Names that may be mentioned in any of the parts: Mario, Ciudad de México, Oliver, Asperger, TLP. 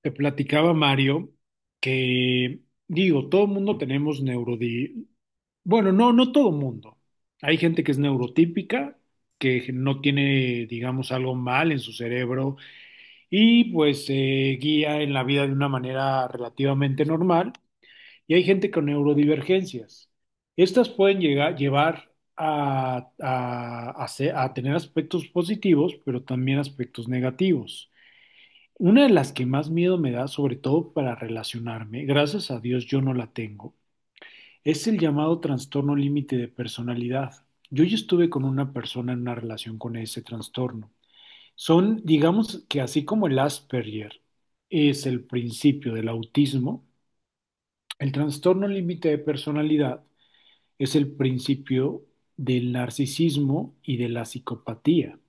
Te platicaba Mario que, digo, todo mundo tenemos neurodi... Bueno, no, no todo mundo. Hay gente que es neurotípica, que no tiene, digamos, algo mal en su cerebro y pues se guía en la vida de una manera relativamente normal. Y hay gente con neurodivergencias. Estas pueden llegar, llevar a tener aspectos positivos, pero también aspectos negativos. Una de las que más miedo me da, sobre todo para relacionarme, gracias a Dios yo no la tengo, es el llamado trastorno límite de personalidad. Yo ya estuve con una persona en una relación con ese trastorno. Son, digamos que así como el Asperger es el principio del autismo, el trastorno límite de personalidad es el principio del narcisismo y de la psicopatía.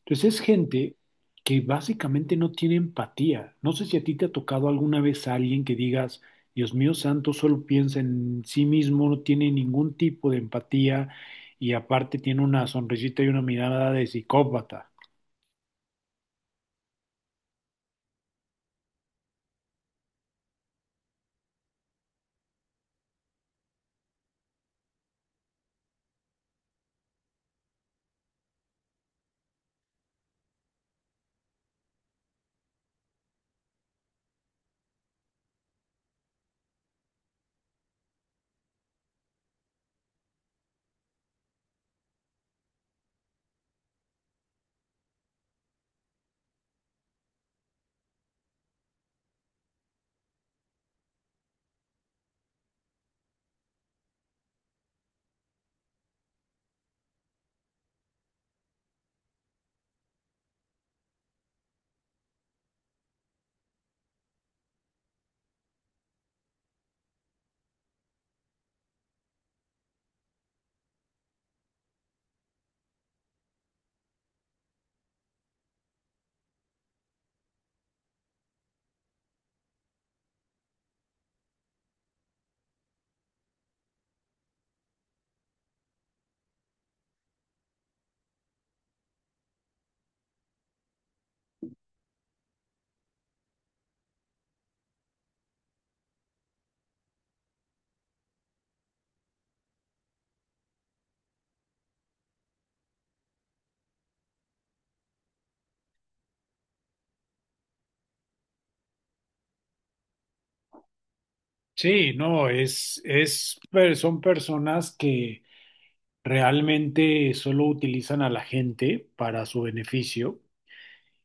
Entonces es gente que básicamente no tiene empatía. No sé si a ti te ha tocado alguna vez a alguien que digas: Dios mío santo, solo piensa en sí mismo, no tiene ningún tipo de empatía y aparte tiene una sonrisita y una mirada de psicópata. Sí, no, son personas que realmente solo utilizan a la gente para su beneficio.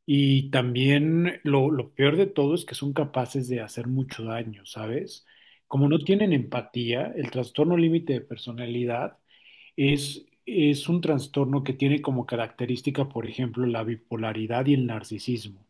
Y también lo peor de todo es que son capaces de hacer mucho daño, ¿sabes? Como no tienen empatía, el trastorno límite de personalidad es un trastorno que tiene como característica, por ejemplo, la bipolaridad y el narcisismo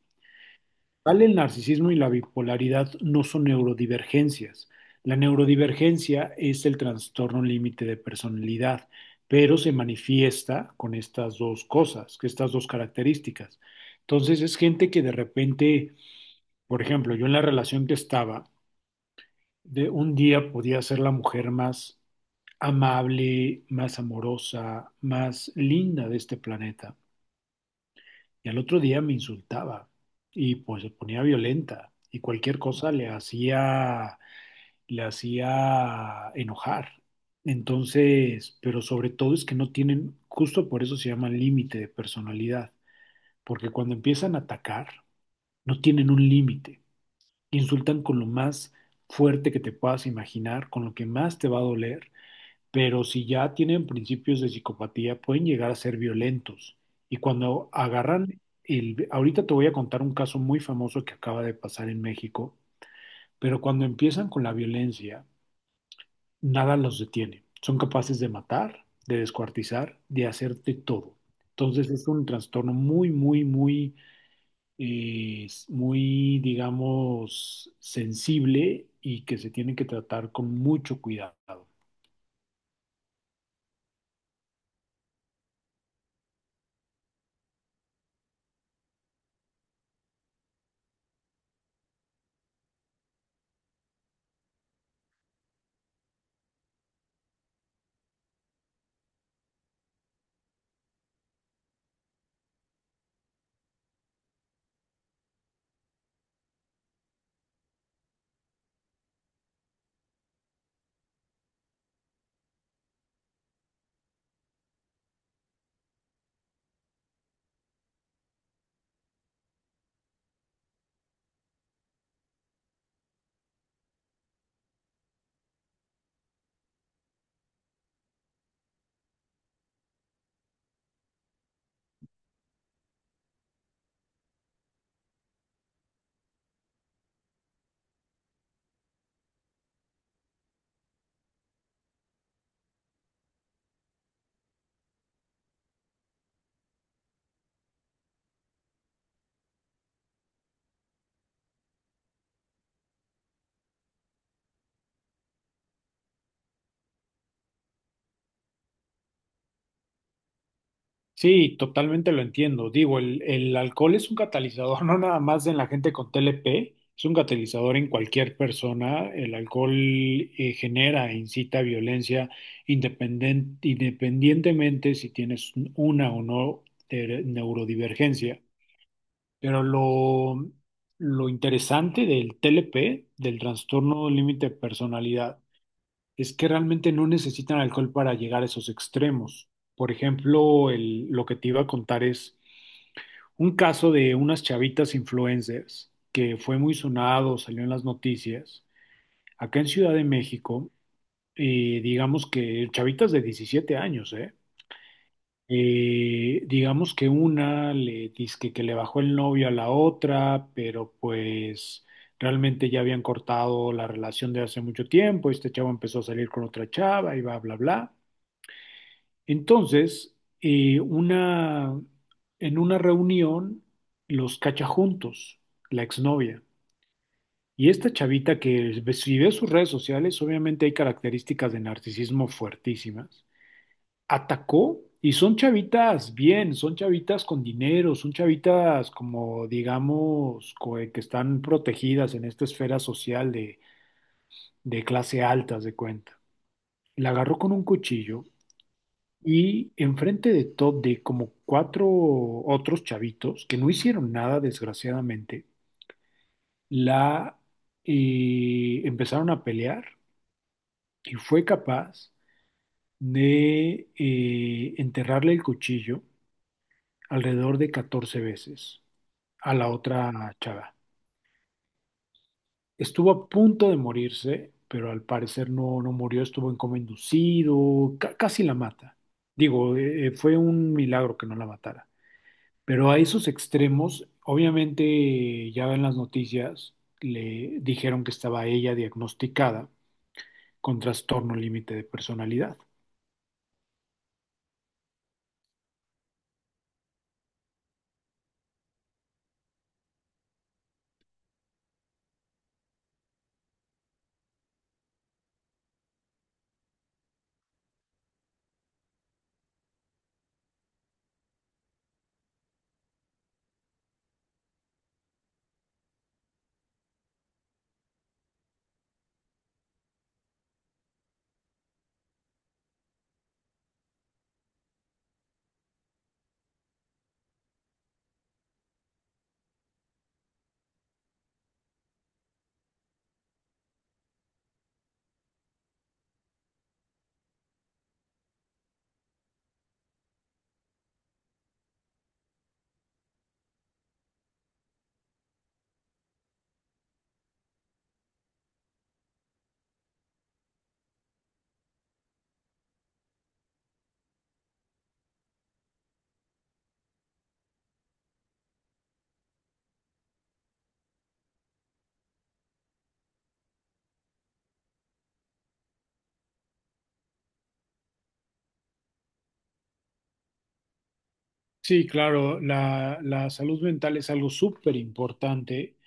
tal, el narcisismo y la bipolaridad no son neurodivergencias. La neurodivergencia es el trastorno límite de personalidad, pero se manifiesta con estas dos cosas, que estas dos características. Entonces es gente que de repente, por ejemplo, yo en la relación que estaba, de un día podía ser la mujer más amable, más amorosa, más linda de este planeta. Y al otro día me insultaba y pues se ponía violenta y cualquier cosa le hacía enojar. Entonces, pero sobre todo es que no tienen, justo por eso se llama límite de personalidad, porque cuando empiezan a atacar, no tienen un límite. Insultan con lo más fuerte que te puedas imaginar, con lo que más te va a doler, pero si ya tienen principios de psicopatía, pueden llegar a ser violentos. Y cuando agarran el... Ahorita te voy a contar un caso muy famoso que acaba de pasar en México, pero cuando empiezan con la violencia, nada los detiene. Son capaces de matar, de descuartizar, de hacerte todo. Entonces es un trastorno muy, muy, muy, muy, digamos, sensible y que se tiene que tratar con mucho cuidado. Sí, totalmente lo entiendo. Digo, el alcohol es un catalizador, no nada más en la gente con TLP, es un catalizador en cualquier persona. El alcohol genera e incita violencia independientemente si tienes una o no, neurodivergencia. Pero lo interesante del TLP, del trastorno límite de personalidad, es que realmente no necesitan alcohol para llegar a esos extremos. Por ejemplo, lo que te iba a contar es un caso de unas chavitas influencers que fue muy sonado, salió en las noticias, acá en Ciudad de México. Digamos, que chavitas de 17 años, ¿eh? Digamos que una le dice que le bajó el novio a la otra, pero pues realmente ya habían cortado la relación de hace mucho tiempo, este chavo empezó a salir con otra chava y va, bla, bla. Entonces, eh, una, en una reunión los cacha juntos, la exnovia. Y esta chavita que si ve sus redes sociales, obviamente hay características de narcisismo fuertísimas, atacó. Y son chavitas bien, son chavitas con dinero, son chavitas como digamos que están protegidas en esta esfera social de clase alta, haz de cuenta. La agarró con un cuchillo y enfrente de todo, de como cuatro otros chavitos que no hicieron nada, desgraciadamente, la empezaron a pelear y fue capaz de enterrarle el cuchillo alrededor de 14 veces a la otra chava. Estuvo a punto de morirse, pero al parecer no, no murió, estuvo en coma inducido, casi la mata. Digo, fue un milagro que no la matara. Pero a esos extremos, obviamente ya en las noticias le dijeron que estaba ella diagnosticada con trastorno límite de personalidad. Sí, claro, la salud mental es algo súper importante,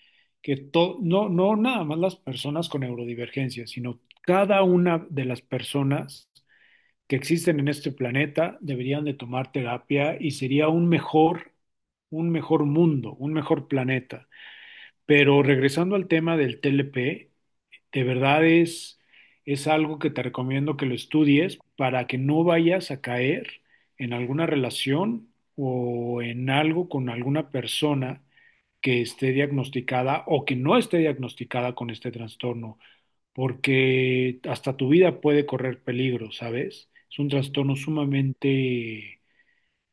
que no, no nada más las personas con neurodivergencia, sino cada una de las personas que existen en este planeta deberían de tomar terapia y sería un mejor mundo, un mejor planeta. Pero regresando al tema del TLP, de verdad es algo que te recomiendo que lo estudies para que no vayas a caer en alguna relación o en algo con alguna persona que esté diagnosticada o que no esté diagnosticada con este trastorno, porque hasta tu vida puede correr peligro, ¿sabes? Es un trastorno sumamente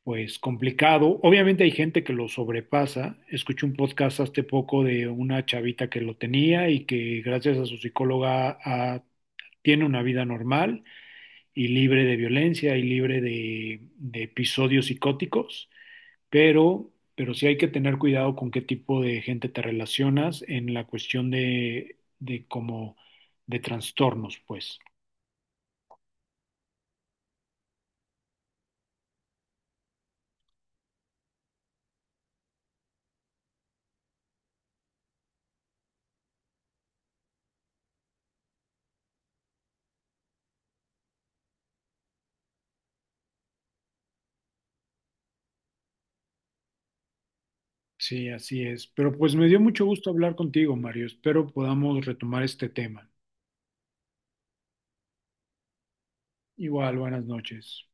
pues complicado. Obviamente hay gente que lo sobrepasa. Escuché un podcast hace poco de una chavita que lo tenía y que gracias a su psicóloga, tiene una vida normal y libre de violencia y libre de episodios psicóticos, pero sí hay que tener cuidado con qué tipo de gente te relacionas en la cuestión de como de trastornos, pues. Sí, así es. Pero pues me dio mucho gusto hablar contigo, Mario. Espero podamos retomar este tema. Igual, buenas noches.